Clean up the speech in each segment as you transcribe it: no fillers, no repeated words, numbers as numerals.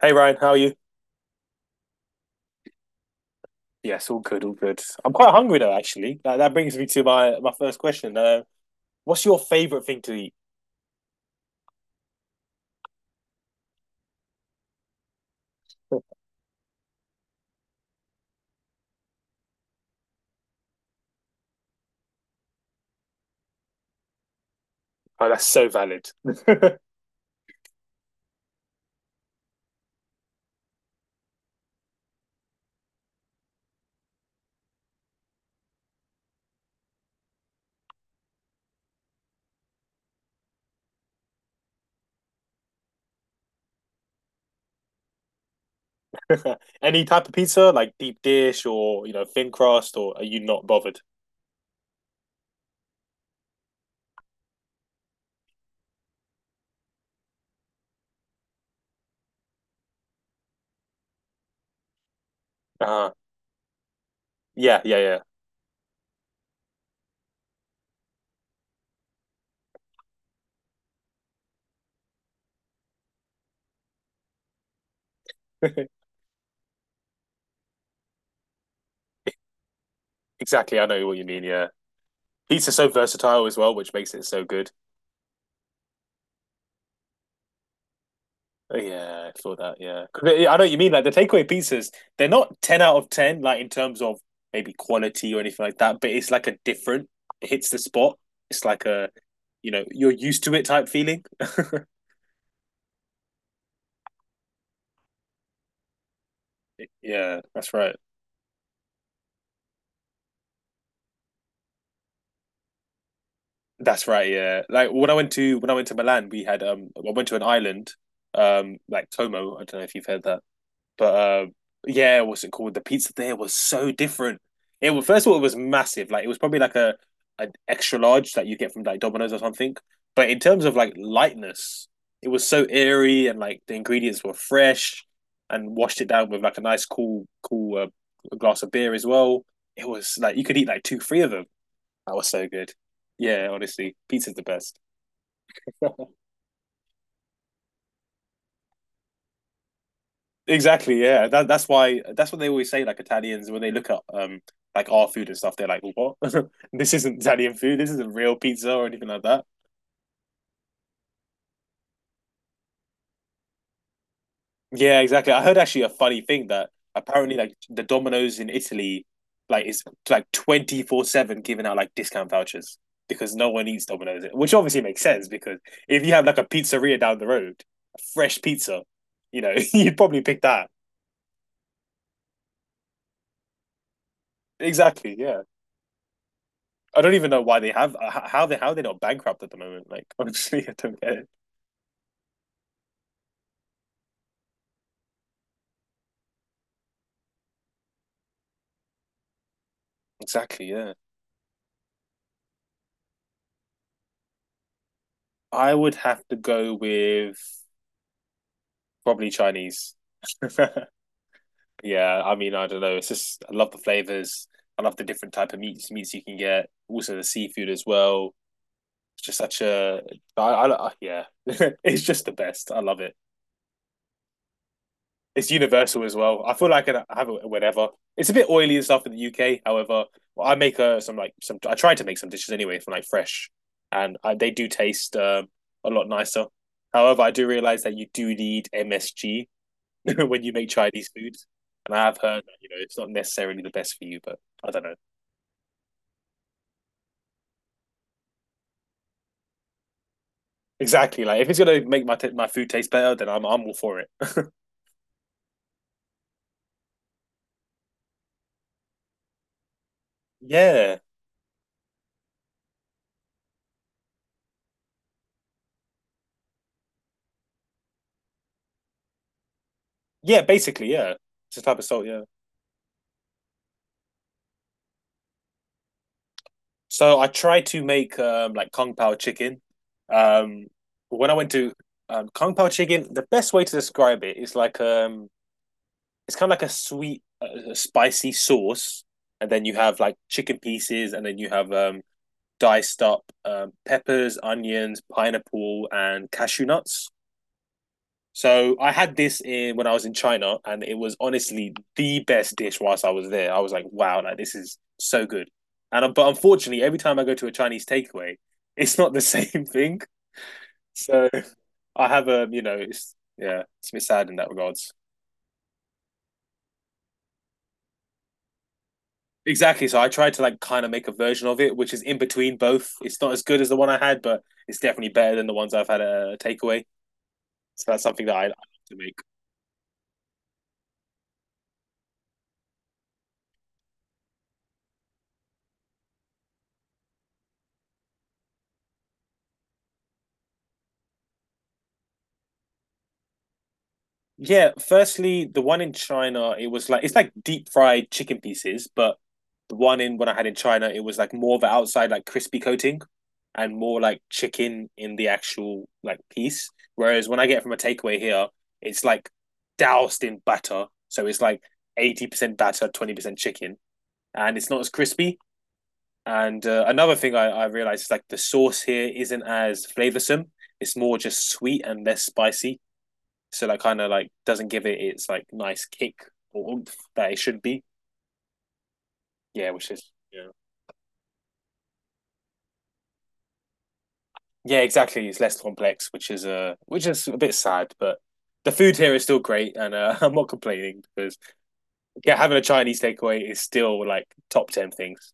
Hey Ryan, how are you? Yes, all good, all good. I'm quite hungry though, actually. That brings me to my first question. What's your favorite thing to eat? Oh, that's so valid. Any type of pizza, like deep dish or you know thin crust, or are you not bothered? Uh, yeah, yeah, yeah. Exactly. I know what you mean. Yeah, pizza's so versatile as well, which makes it so good. Oh, yeah, I saw that. Yeah, 'cause I know what you mean. Like the takeaway pizzas, they're not 10 out of 10, like in terms of maybe quality or anything like that. But it's like a different. It hits the spot. It's like a, you know, you're used to it type feeling. Yeah, that's right. That's right. Yeah, like when I went to Milan, we had I went to an island, like Como. I don't know if you've heard that. But yeah, what's it called? The pizza there was so different. It was first of all, it was massive. Like it was probably like a an extra large that you get from like Domino's or something. But in terms of like lightness, it was so airy and like the ingredients were fresh and washed it down with like a nice cool glass of beer as well. It was like you could eat like two, three of them. That was so good. Yeah, honestly, pizza's the best. Exactly, yeah. That that's why that's what they always say, like Italians, when they look at like our food and stuff, they're like, "What?" This isn't Italian food, this isn't real pizza or anything like that. Yeah, exactly. I heard actually a funny thing that apparently like the Domino's in Italy is like 24/7 giving out like discount vouchers because no one eats Domino's, which obviously makes sense because if you have like a pizzeria down the road, a fresh pizza, you know, you'd probably pick that. Exactly, yeah. I don't even know why they have how they're not bankrupt at the moment. Like honestly, I don't get it. Exactly, yeah. I would have to go with probably Chinese. Yeah, I mean, I don't know. It's just I love the flavors. I love the different type of meats you can get. Also the seafood as well. It's just such a I yeah. It's just the best. I love it. It's universal as well. I feel like I have it whenever. It's a bit oily and stuff in the UK. However, I make some like some. I try to make some dishes anyway from like fresh, and they do taste a lot nicer. However, I do realize that you do need MSG when you make Chinese foods, and I have heard that you know it's not necessarily the best for you. But I don't know exactly. Like if it's gonna make my food taste better, then I'm all for it. Yeah, yeah. Basically, yeah. It's a type of salt. Yeah. So I tried to make like Kung Pao chicken. Um, when I went to Kung Pao chicken, the best way to describe it is like it's kind of like a sweet, spicy sauce, and then you have like chicken pieces, and then you have diced up peppers, onions, pineapple, and cashew nuts. So I had this in when I was in China, and it was honestly the best dish whilst I was there. I was like, wow, like this is so good. And but unfortunately, every time I go to a Chinese takeaway, it's not the same thing. So I have a, you know, it's yeah, it's a bit sad in that regards. Exactly. So I tried to like kind of make a version of it, which is in between both. It's not as good as the one I had, but it's definitely better than the ones I've had at a takeaway. So that's something that I like to make. Yeah, firstly, the one in China, it was like it's like deep fried chicken pieces, but the one in when I had in China, it was like more of an outside like crispy coating and more like chicken in the actual like piece. Whereas when I get it from a takeaway here, it's like doused in batter, so it's like 80% batter, 20% chicken, and it's not as crispy. And another thing I realized is like the sauce here isn't as flavorsome. It's more just sweet and less spicy so that kind of like doesn't give it its like nice kick or oomph that it should be. Yeah, which is yeah. Yeah, exactly. It's less complex, which is a bit sad, but the food here is still great, and I'm not complaining because yeah, having a Chinese takeaway is still like top 10 things.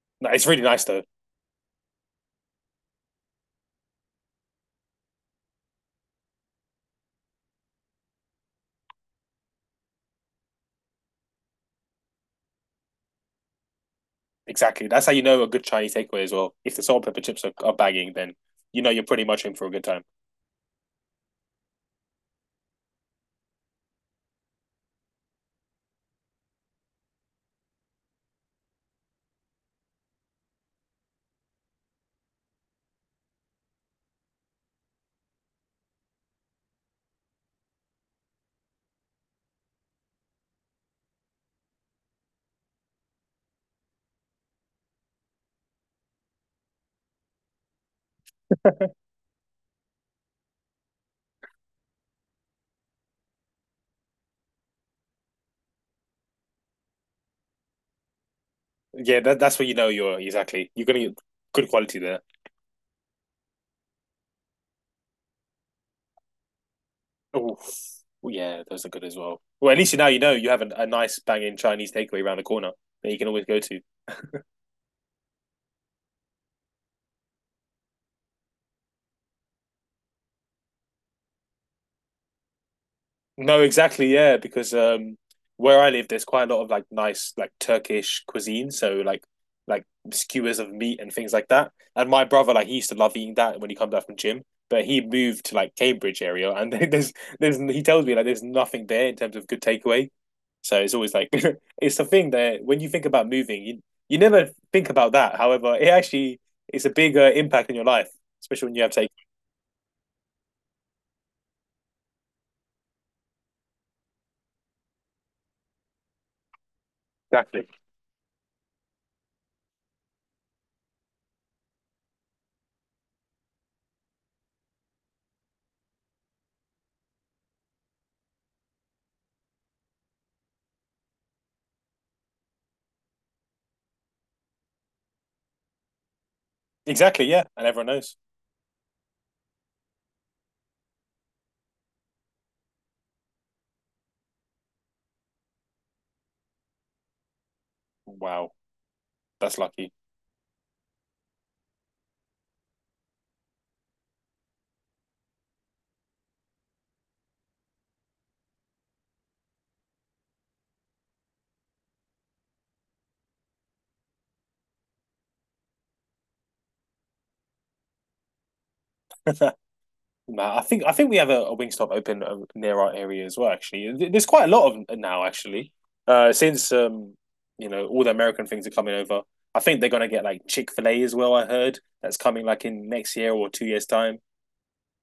It's really nice though. Exactly, that's how you know a good Chinese takeaway as well. If the salt and pepper chips are bagging, then you know you're pretty much in for a good time. Yeah, that's where you know you're exactly. You're gonna get good quality there. Oh, yeah, those are good as well. Well, at least you now you know you have a nice banging Chinese takeaway around the corner that you can always go to. No, exactly, yeah, because where I live there's quite a lot of like nice like Turkish cuisine, so like skewers of meat and things like that. And my brother like he used to love eating that when he comes back from gym, but he moved to like Cambridge area and there's he tells me like there's nothing there in terms of good takeaway. So it's always like it's the thing that when you think about moving, you never think about that. However, it actually it's a big impact in your life, especially when you have take. Exactly. Exactly, yeah, and everyone knows. Wow, that's lucky. Nah, I think we have a Wingstop open near our area as well. Actually, there's quite a lot of 'em now. Actually, since you know, all the American things are coming over. I think they're gonna get like Chick Fil A as well. I heard that's coming like in next year or 2 years time.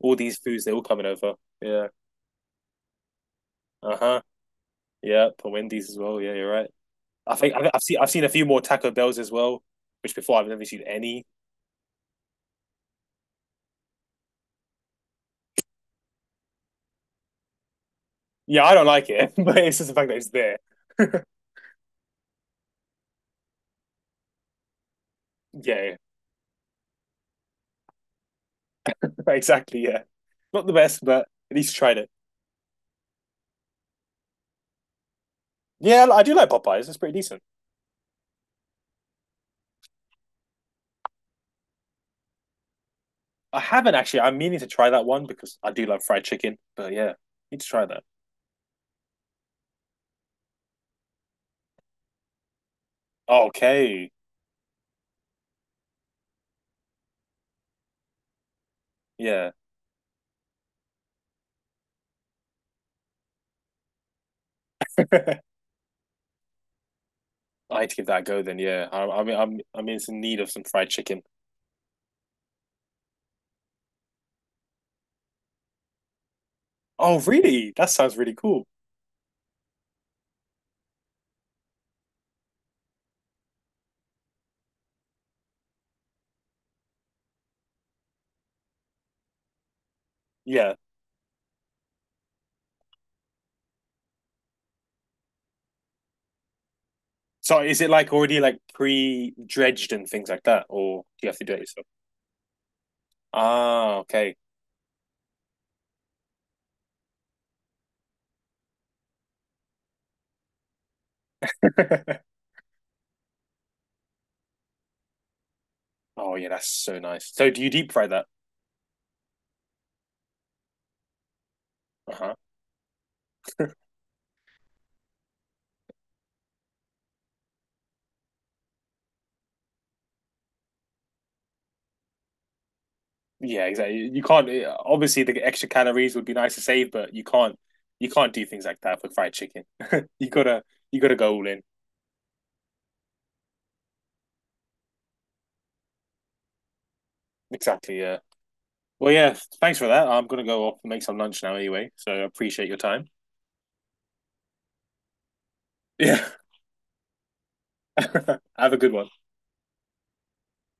All these foods they're all coming over. Yeah. Uh huh. Yeah. For Wendy's as well. Yeah, you're right. I think I've seen a few more Taco Bells as well, which before I've never seen any. Yeah, I don't like it, but it's just the fact that it's there. Yeah. Exactly. Yeah. Not the best, but at least tried it. Yeah, I do like Popeyes. It's pretty decent. I haven't actually. I'm meaning to try that one because I do love fried chicken. But yeah, need to try that. Okay. Yeah. I need to give that a go then. Yeah. I mean, I'm in some need of some fried chicken. Oh, really? That sounds really cool. Yeah. So is it like already like pre-dredged and things like that, or do you have to do it yourself? Ah, okay. Oh yeah, that's so nice. So do you deep fry that? Uh huh. Yeah, exactly. You can't eh, obviously the extra calories would be nice to save, but you can't do things like that for fried chicken. you gotta you gotta go all in. Exactly. Yeah. Well, yeah. Thanks for that. I'm gonna go off and make some lunch now anyway. So I appreciate your time. Yeah. Have a good one.